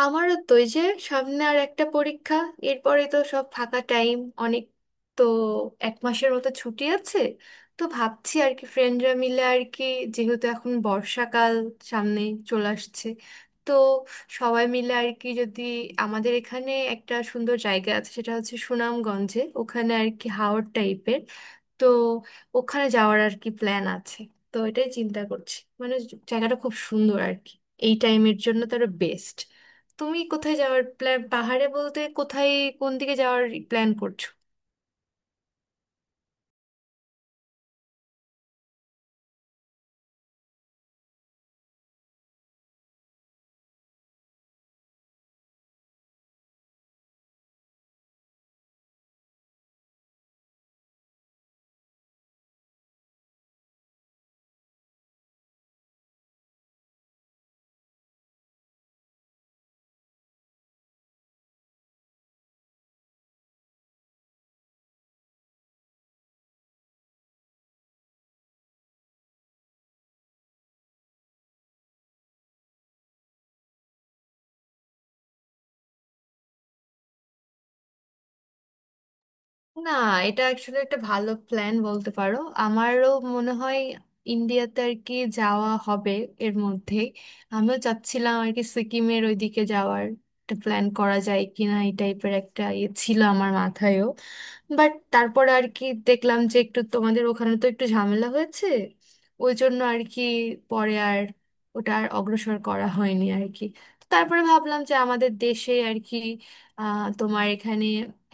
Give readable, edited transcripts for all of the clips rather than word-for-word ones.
আমারও তো এই যে সামনে আর একটা পরীক্ষা। এরপরে তো সব ফাঁকা টাইম অনেক। তো 1 মাসের মতো ছুটি আছে। তো ভাবছি আর কি ফ্রেন্ডরা মিলে আর কি, যেহেতু এখন বর্ষাকাল সামনে চলে আসছে। তো সবাই মিলে আর কি, যদি আমাদের এখানে একটা সুন্দর জায়গা আছে, সেটা হচ্ছে সুনামগঞ্জে, ওখানে আর কি হাওর টাইপের। তো ওখানে যাওয়ার আর কি প্ল্যান আছে। তো এটাই চিন্তা করছি, মানে জায়গাটা খুব সুন্দর আর কি, এই টাইমের জন্য তো আরো বেস্ট। তুমি কোথায় যাওয়ার প্ল্যান, পাহাড়ে বলতে কোথায়, কোন দিকে যাওয়ার প্ল্যান করছো? না, এটা অ্যাকচুয়ালি একটা ভালো প্ল্যান বলতে পারো। আমারও মনে হয় ইন্ডিয়াতে আর কি যাওয়া হবে এর মধ্যে। আমিও চাচ্ছিলাম আর কি সিকিমের ওইদিকে যাওয়ার একটা প্ল্যান করা যায় কিনা, এই টাইপের একটা ইয়ে ছিল আমার মাথায়ও। বাট তারপরে আর কি দেখলাম যে একটু তোমাদের ওখানে তো একটু ঝামেলা হয়েছে, ওই জন্য আর কি পরে আর ওটা আর অগ্রসর করা হয়নি আর কি। তারপরে ভাবলাম যে আমাদের দেশে আর কি, তোমার এখানে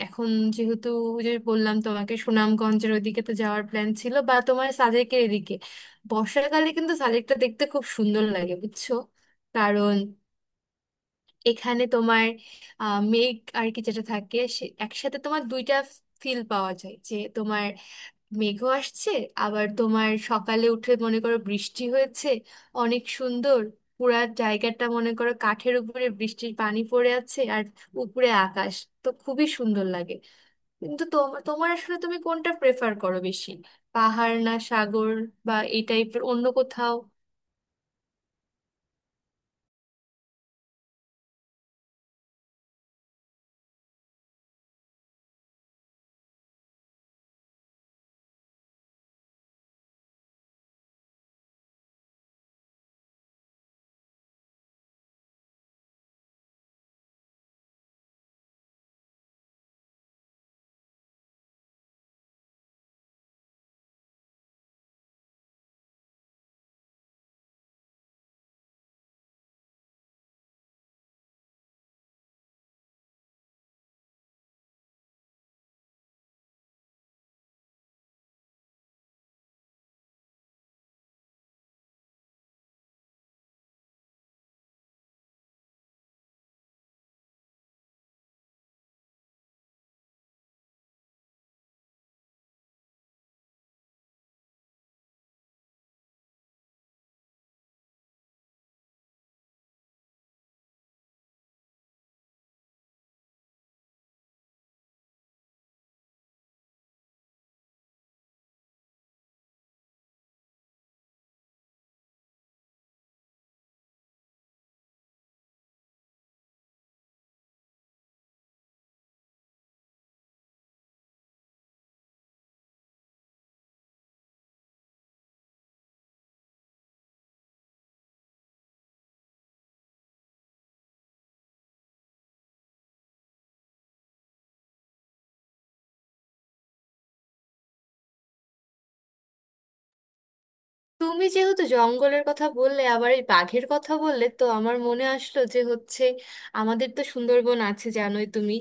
এখন যেহেতু, ওই যে বললাম তোমাকে সুনামগঞ্জের ওদিকে তো যাওয়ার প্ল্যান ছিল বা তোমার সাজেকের এদিকে। বর্ষাকালে কিন্তু সাজেকটা দেখতে খুব সুন্দর লাগে, বুঝছো? কারণ এখানে তোমার মেঘ আর কি যেটা থাকে, সে একসাথে তোমার দুইটা ফিল পাওয়া যায়, যে তোমার মেঘও আসছে, আবার তোমার সকালে উঠে মনে করো বৃষ্টি হয়েছে। অনেক সুন্দর, পুরা জায়গাটা মনে করো কাঠের উপরে বৃষ্টির পানি পড়ে আছে আর উপরে আকাশ। তো খুবই সুন্দর লাগে। কিন্তু তোমার তোমার আসলে তুমি কোনটা প্রেফার করো বেশি, পাহাড় না সাগর, বা এই টাইপের অন্য কোথাও? তুমি যেহেতু জঙ্গলের কথা বললে আবার এই বাঘের কথা বললে, তো আমার মনে আসলো যে হচ্ছে আমাদের তো সুন্দরবন আছে, জানোই তুমি।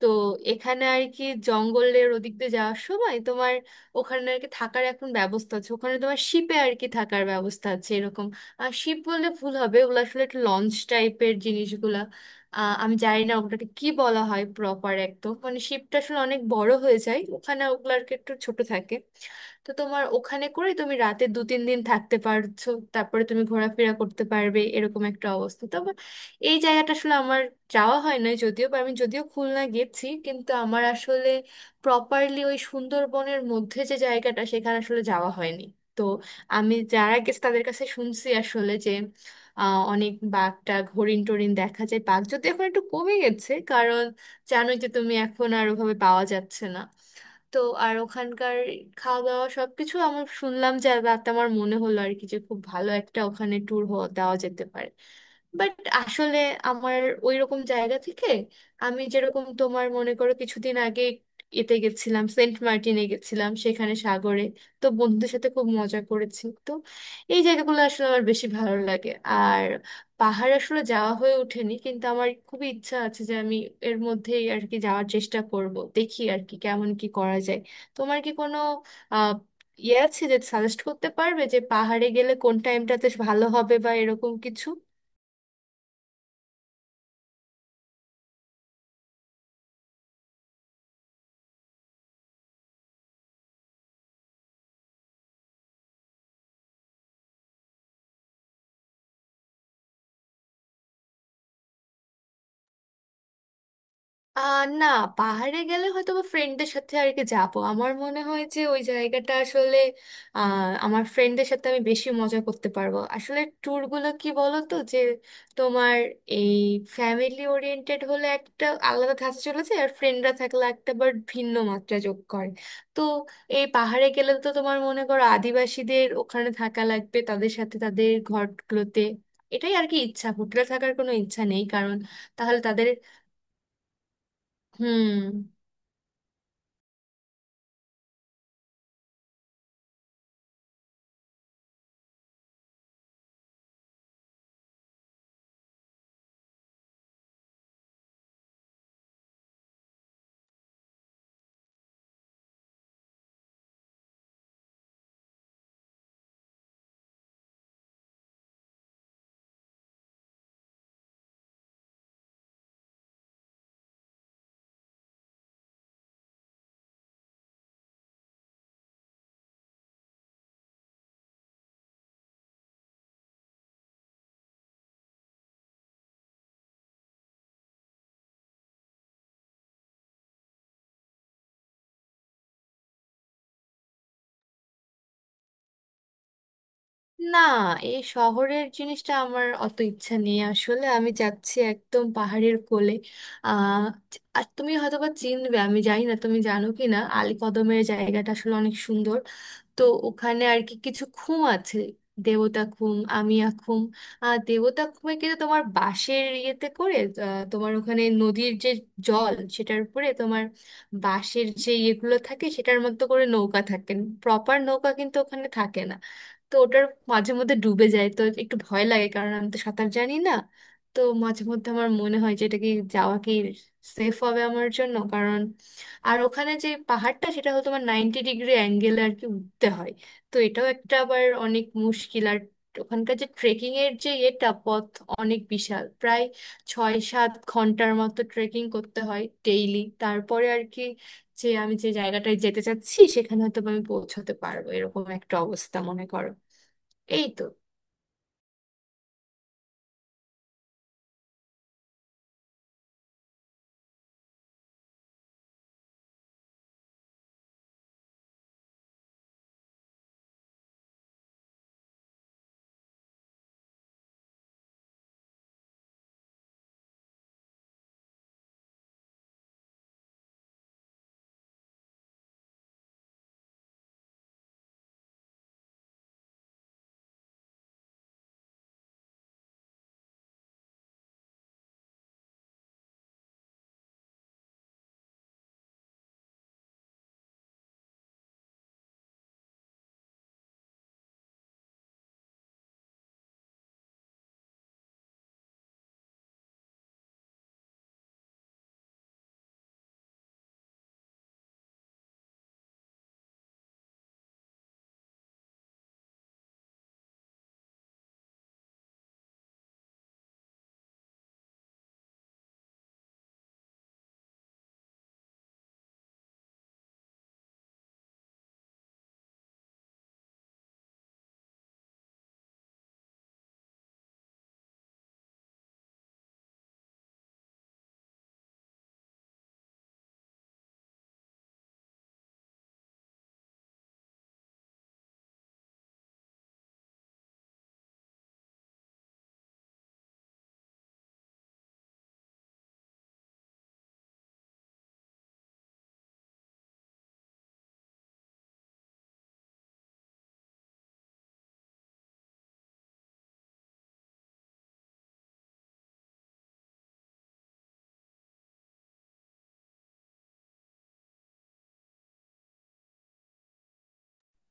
তো এখানে আর কি জঙ্গলের ওদিক দিয়ে যাওয়ার সময় তোমার ওখানে আর কি থাকার এখন ব্যবস্থা আছে, ওখানে তোমার শিপে আর কি থাকার ব্যবস্থা আছে এরকম। আর শিপ বললে ভুল হবে, ওগুলো আসলে একটা লঞ্চ টাইপের জিনিসগুলা। আমি জানি না ওটাকে কি বলা হয় প্রপার একদম, মানে শিপটা আসলে অনেক বড় হয়ে যায়, ওখানে ওগুলো আর কি একটু ছোট থাকে। তো তোমার ওখানে করে তুমি রাতে 2-3 দিন থাকতে পারছো, তারপরে তুমি ঘোরাফেরা করতে পারবে এরকম একটা অবস্থা। তবে এই জায়গাটা আসলে আমার যাওয়া হয় না, যদিও বা আমি যদিও খুলনা গেছি, কিন্তু আমার আসলে প্রপারলি ওই সুন্দরবনের মধ্যে যে জায়গাটা, সেখানে আসলে যাওয়া হয়নি। তো আমি যারা গেছে তাদের কাছে শুনছি আসলে যে অনেক বাঘটা, হরিণ টরিন দেখা যায়, বাঘ যদি এখন একটু কমে গেছে, কারণ জানোই যে তুমি, এখন আর ওভাবে পাওয়া যাচ্ছে না। তো আর ওখানকার খাওয়া দাওয়া সবকিছু আমার শুনলাম, যে রাতে আমার মনে হলো আর কি যে খুব ভালো একটা ওখানে ট্যুর দেওয়া যেতে পারে। বাট আসলে আমার ওই রকম জায়গা থেকে আমি যেরকম তোমার মনে করো কিছুদিন আগে এতে গেছিলাম, সেন্ট মার্টিনে গেছিলাম সেখানে সাগরে। তো বন্ধুদের সাথে খুব মজা করেছি। তো এই জায়গাগুলো আসলে আমার বেশি ভালো লাগে। আর পাহাড় আসলে যাওয়া হয়ে ওঠেনি, কিন্তু আমার খুবই ইচ্ছা আছে যে আমি এর মধ্যেই আর কি যাওয়ার চেষ্টা করব, দেখি আর কি কেমন কি করা যায়। তোমার কি কোনো আহ ইয়ে আছে যে সাজেস্ট করতে পারবে যে পাহাড়ে গেলে কোন টাইমটাতে ভালো হবে, বা এরকম কিছু? না, পাহাড়ে গেলে হয়তো বা ফ্রেন্ডদের সাথে আর কি যাবো। আমার মনে হয় যে ওই জায়গাটা আসলে আহ আমার ফ্রেন্ডদের সাথে আমি বেশি মজা করতে পারবো আসলে। ট্যুর গুলো কি বলো তো, যে তোমার এই ফ্যামিলি ওরিয়েন্টেড হলে একটা আলাদা ধাঁচে চলে যায়, আর ফ্রেন্ডরা থাকলে একটা বার ভিন্ন মাত্রা যোগ করে। তো এই পাহাড়ে গেলে তো তোমার মনে করো আদিবাসীদের ওখানে থাকা লাগবে, তাদের সাথে তাদের ঘরগুলোতে। এটাই আর কি ইচ্ছা, হোটেলে থাকার কোনো ইচ্ছা নেই, কারণ তাহলে তাদের, হুম। না, এই শহরের জিনিসটা আমার অত ইচ্ছা নেই আসলে, আমি যাচ্ছি একদম পাহাড়ের কোলে। আহ আর তুমি হয়তোবা চিনবে, আমি জানি না তুমি জানো কি না, আলীকদমের জায়গাটা আসলে অনেক সুন্দর। তো ওখানে আর কি কিছু খুম আছে, দেবতা খুম, আমিয়া খুম। আহ দেবতা খুমে কিন্তু তোমার বাঁশের ইয়েতে করে, তোমার ওখানে নদীর যে জল, সেটার উপরে তোমার বাঁশের যে ইয়েগুলো থাকে, সেটার মধ্যে করে নৌকা থাকে। প্রপার নৌকা কিন্তু ওখানে থাকে না। তো ওটার মাঝে মধ্যে ডুবে যায়, তো একটু ভয় লাগে, কারণ আমি তো সাঁতার জানি না। তো মাঝে মধ্যে আমার মনে হয় যে এটা কি, যাওয়া কি সেফ হবে আমার জন্য, কারণ আর ওখানে যে পাহাড়টা, সেটা হলো তোমার 90 ডিগ্রি অ্যাঙ্গেলে আর কি উঠতে হয়। তো এটাও একটা আবার অনেক মুশকিল। আর ওখানকার যে ট্রেকিং এর যে এটা পথ, অনেক বিশাল, প্রায় 6-7 ঘন্টার মতো ট্রেকিং করতে হয় ডেইলি। তারপরে আর কি যে আমি যে জায়গাটায় যেতে চাচ্ছি সেখানে হয়তো বা আমি পৌঁছাতে পারবো এরকম একটা অবস্থা, মনে করো। এই তো।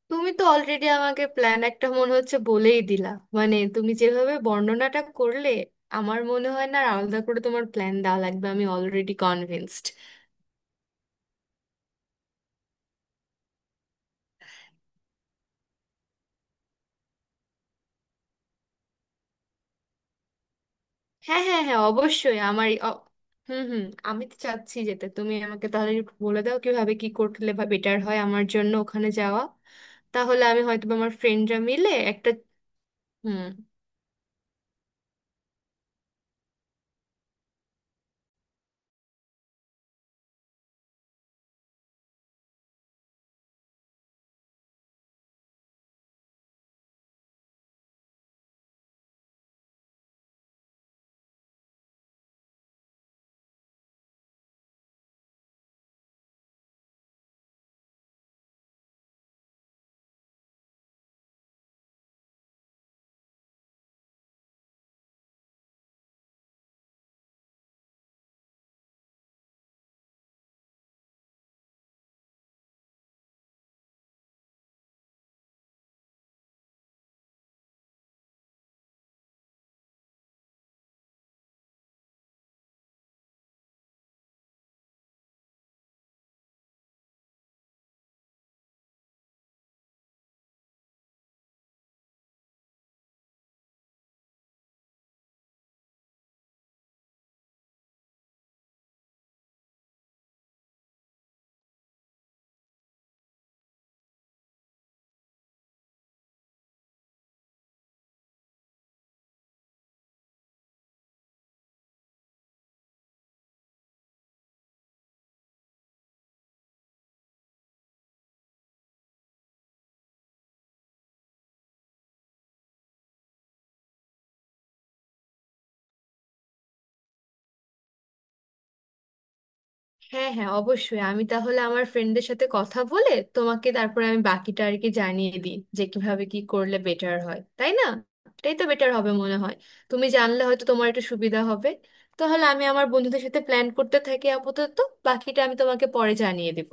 তুমি তো অলরেডি আমাকে প্ল্যান একটা মনে হচ্ছে বলেই দিলা। মানে তুমি যেভাবে বর্ণনাটা করলে, আমার মনে হয় না আর আলাদা করে তোমার প্ল্যান দেওয়া লাগবে, আমি অলরেডি কনভিন্সড। হ্যাঁ হ্যাঁ হ্যাঁ, অবশ্যই। হুম, হুম। আমি তো চাচ্ছি যেতে, তুমি আমাকে তাহলে একটু বলে দাও কিভাবে কি করলে বা বেটার হয় আমার জন্য ওখানে যাওয়া। তাহলে আমি হয়তো বা আমার ফ্রেন্ডরা মিলে একটা, হুম। হ্যাঁ হ্যাঁ, অবশ্যই। আমি তাহলে আমার ফ্রেন্ডদের সাথে কথা বলে তোমাকে, তারপরে আমি বাকিটা আর কি জানিয়ে দিই যে কিভাবে কি করলে বেটার হয়, তাই না? এটাই তো বেটার হবে মনে হয়, তুমি জানলে হয়তো তোমার একটু সুবিধা হবে। তাহলে আমি আমার বন্ধুদের সাথে প্ল্যান করতে থাকি আপাতত, বাকিটা আমি তোমাকে পরে জানিয়ে দিব।